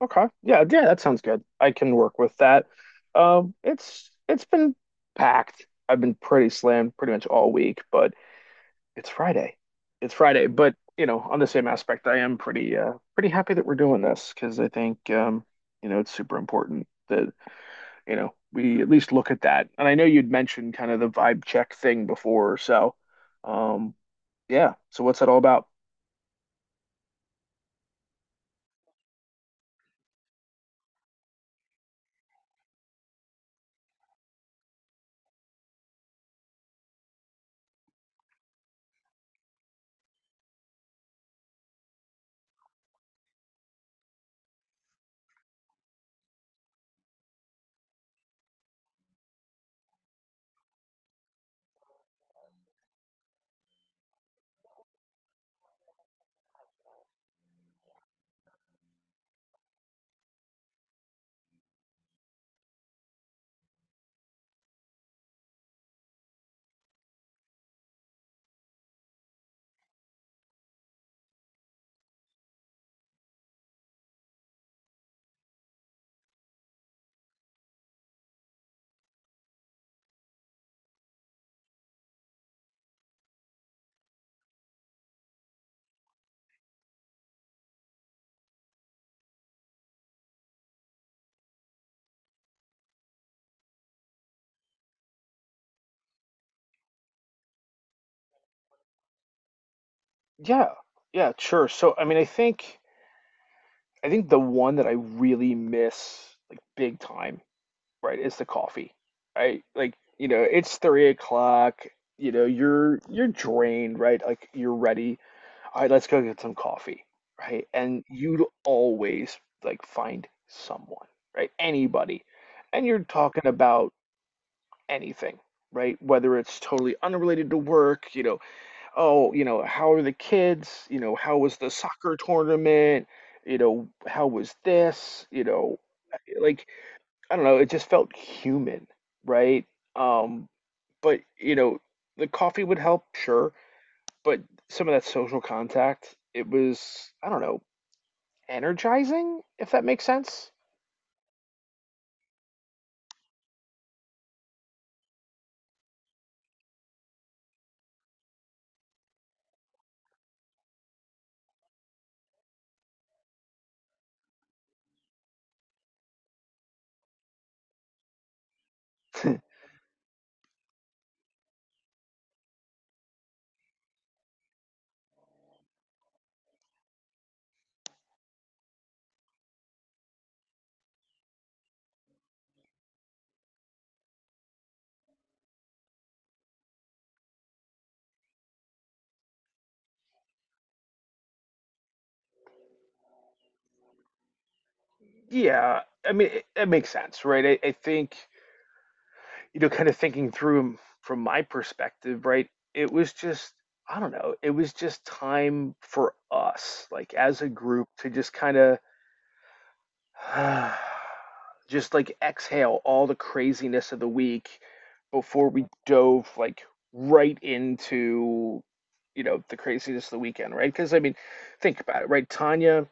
Okay. Yeah, yeah, that sounds good. I can work with that. It's been packed. I've been pretty slammed pretty much all week, but it's Friday. It's Friday, but you know, on the same aspect, I am pretty happy that we're doing this because I think it's super important that, we at least look at that. And I know you'd mentioned kind of the vibe check thing before, so um yeah. So what's that all about? Yeah. Yeah, sure. So I mean, I think the one that I really miss, like big time, right, is the coffee. Right? Like, it's 3 o'clock, you're drained, right? Like you're ready. All right, let's go get some coffee, right? And you'd always like find someone, right? Anybody. And you're talking about anything, right? Whether it's totally unrelated to work, oh, how are the kids? How was the soccer tournament? How was this? Like, I don't know, it just felt human, right? Um, but, the coffee would help, sure, but some of that social contact, it was, I don't know, energizing, if that makes sense. Yeah, I mean, it makes sense, right? I think, kind of thinking through from my perspective, right? It was just, I don't know, it was just time for us, like as a group, to just kind of just like exhale all the craziness of the week before we dove like right into, the craziness of the weekend, right? Because I mean, think about it, right? Tanya,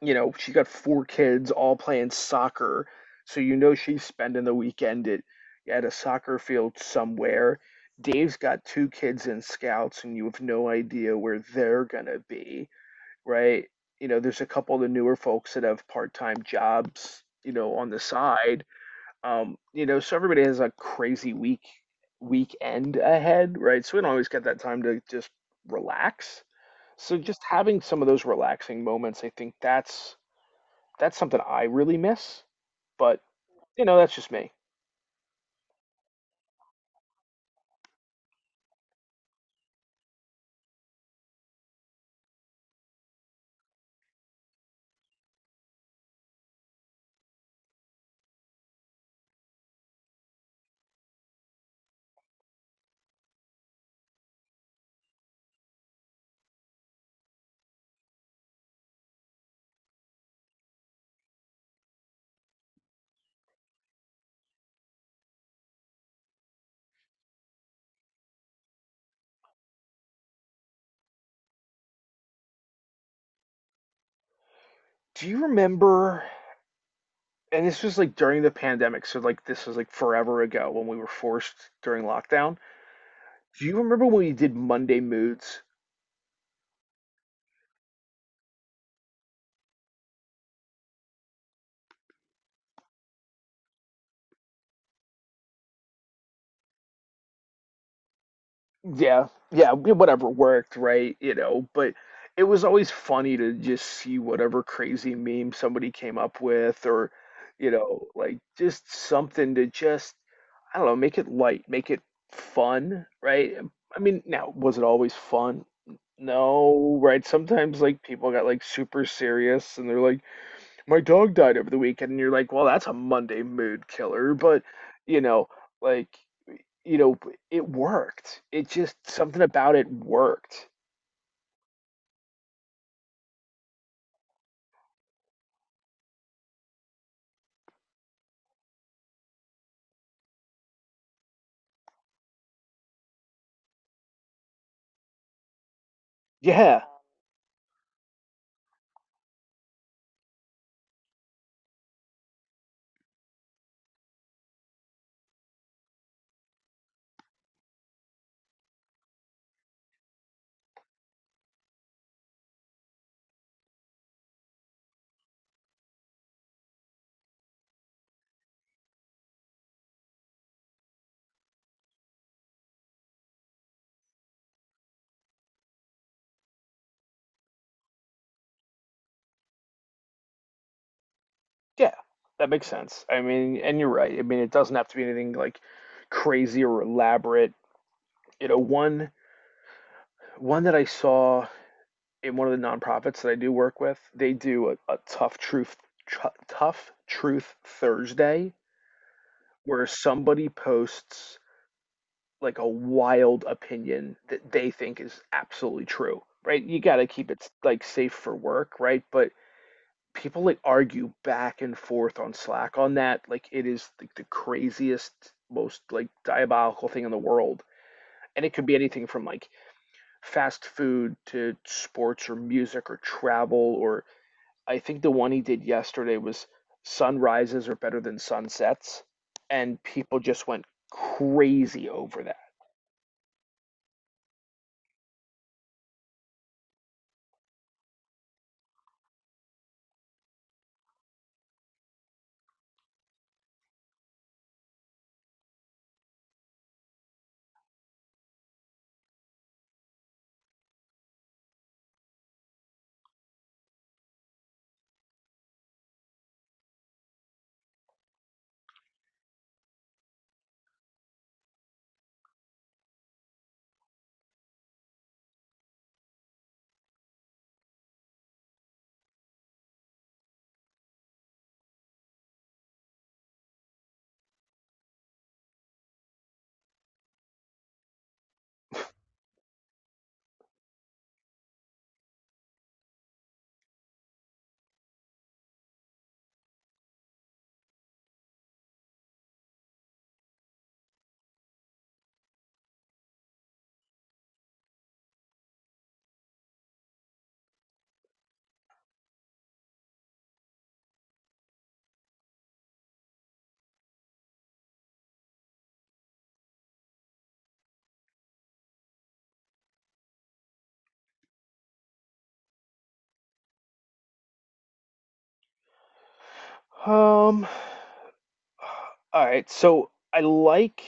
she's got four kids all playing soccer. So she's spending the weekend at a soccer field somewhere. Dave's got two kids in scouts, and you have no idea where they're gonna be, right? There's a couple of the newer folks that have part-time jobs, on the side. So everybody has a crazy weekend ahead, right? So we don't always get that time to just relax. So just having some of those relaxing moments, I think that's something I really miss, but that's just me. Do you remember? And this was like during the pandemic, so like this was like forever ago when we were forced during lockdown. Do you remember when we did Monday Moods? Yeah, yeah, yeah, whatever worked, right? But it was always funny to just see whatever crazy meme somebody came up with, or, like, just something to just, I don't know, make it light, make it fun, right? I mean, now, was it always fun? No, right? Sometimes like people got like super serious, and they're like, my dog died over the weekend, and you're like, well, that's a Monday mood killer. But you know like, you know it worked. It just, something about it worked. Yeah, yeah, that makes sense. I mean, and you're right, I mean, it doesn't have to be anything like crazy or elaborate. You know one one that I saw, in one of the nonprofits that I do work with, they do a tough truth Thursday, where somebody posts like a wild opinion that they think is absolutely true, right? You got to keep it like safe for work, right? But people like argue back and forth on Slack on that. Like, it is like the craziest, most like diabolical thing in the world. And it could be anything from like fast food to sports or music or travel, or I think the one he did yesterday was, sunrises are better than sunsets, and people just went crazy over that. All right, so I like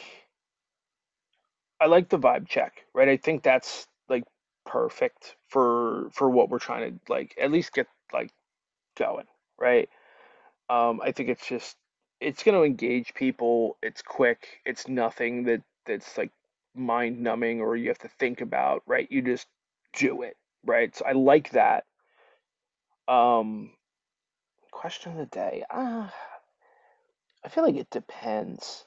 I like the vibe check, right? I think that's like perfect for what we're trying to like at least get like going, right? I think it's going to engage people. It's quick. It's nothing that's like mind numbing, or you have to think about, right? You just do it, right? So I like that. Um, question of the day. I feel like it depends.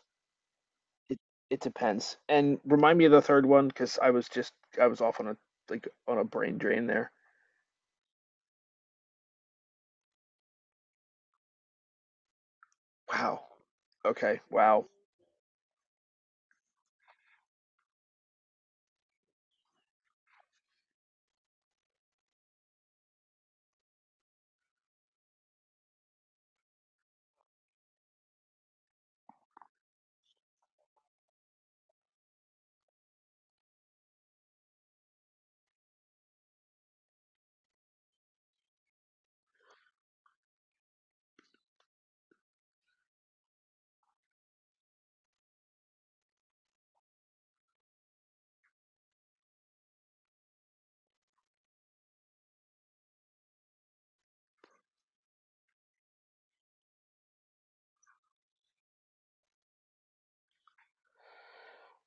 It it depends. And remind me of the third one, because I was off on a brain drain there. Wow. Okay. Wow.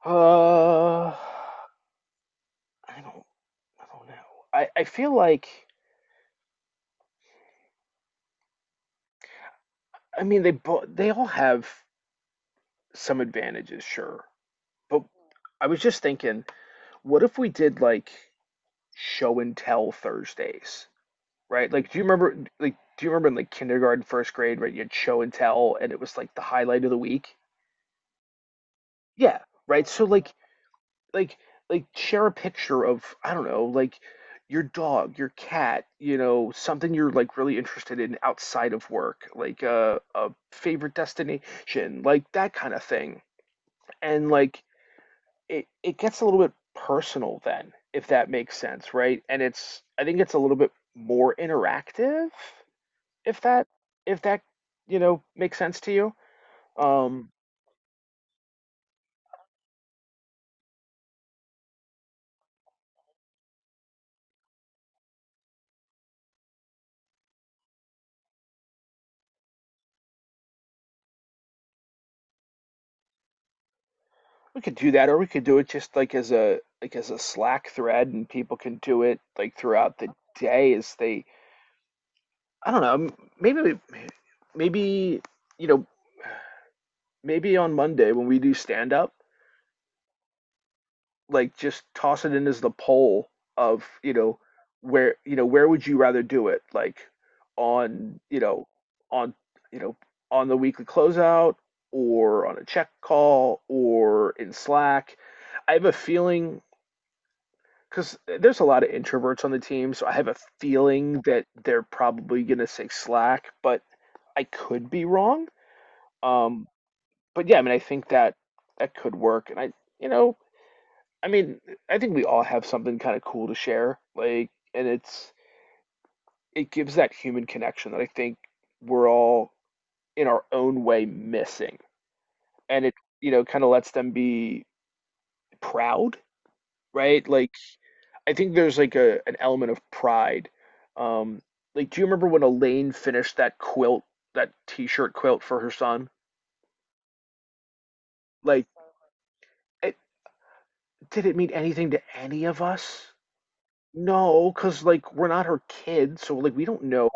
Uh, I don't I don't know. I feel like, I mean, they all have some advantages, sure. But I was just thinking, what if we did like show and tell Thursdays, right? Like, do you remember in like kindergarten, first grade, right? You had show and tell, and it was like the highlight of the week. Yeah, right. So like like share a picture of, I don't know, like your dog, your cat, something you're like really interested in outside of work, like a favorite destination, like that kind of thing. And like it gets a little bit personal then, if that makes sense, right? And it's I think it's a little bit more interactive, if that, makes sense to you. Um We could do that, or we could do it just like as a Slack thread, and people can do it like throughout the day. As they. I don't know. M- Maybe, we- maybe you know, maybe on Monday when we do stand up, like just toss it in as the poll of where would you rather do it? Like on you know on you know on the weekly closeout, or on a check call, or in Slack. I have a feeling, because there's a lot of introverts on the team, so I have a feeling that they're probably going to say Slack, but I could be wrong. Um, but yeah, I mean, I think that could work, and I, you know, I mean, I think we all have something kind of cool to share, like, and it gives that human connection that I think we're all in our own way missing, and it, kind of lets them be proud, right? Like, I think there's like a an element of pride. Um, like, do you remember when Elaine finished that quilt, that t-shirt quilt for her son? Like, it, did it mean anything to any of us? No, because like we're not her kid, so like we don't know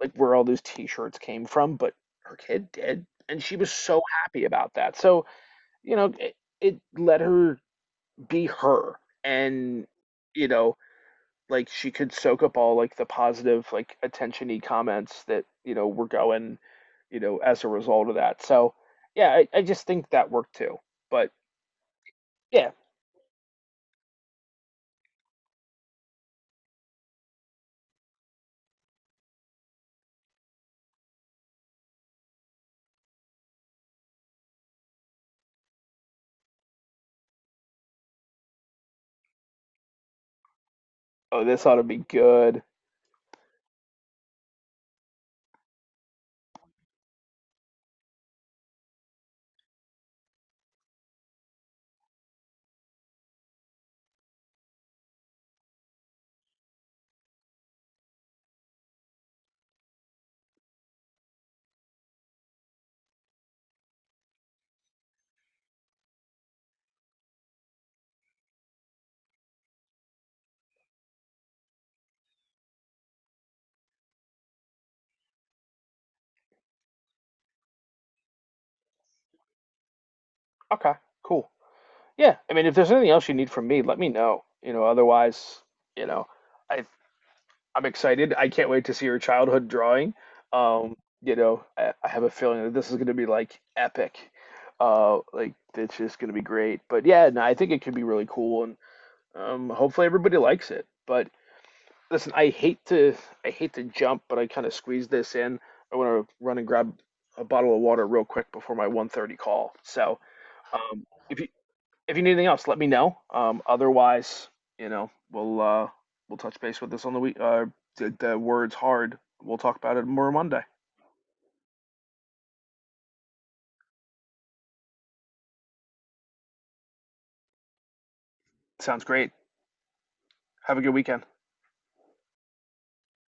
like where all those t-shirts came from, but her kid did, and she was so happy about that. So, you know, it, it let her be her, and you know, like she could soak up all like the positive like attention-y comments that were going as a result of that, so yeah, I just think that worked too, but yeah. Oh, this ought to be good. Okay, cool. Yeah, I mean, if there's anything else you need from me, let me know. Otherwise, you know i I'm excited. I can't wait to see your childhood drawing. um I have a feeling that this is going to be like epic, like, it's just going to be great. But yeah, no, I think it could be really cool, and hopefully everybody likes it. But listen, I hate to jump, but I kind of squeeze this in. I want to run and grab a bottle of water real quick before my 1:30 call. So, um, if you if you need anything else, let me know. Otherwise, you know, we'll uh, we'll touch base with this on the week. The words hard. We'll talk about it more Monday. Sounds great. Have a good weekend.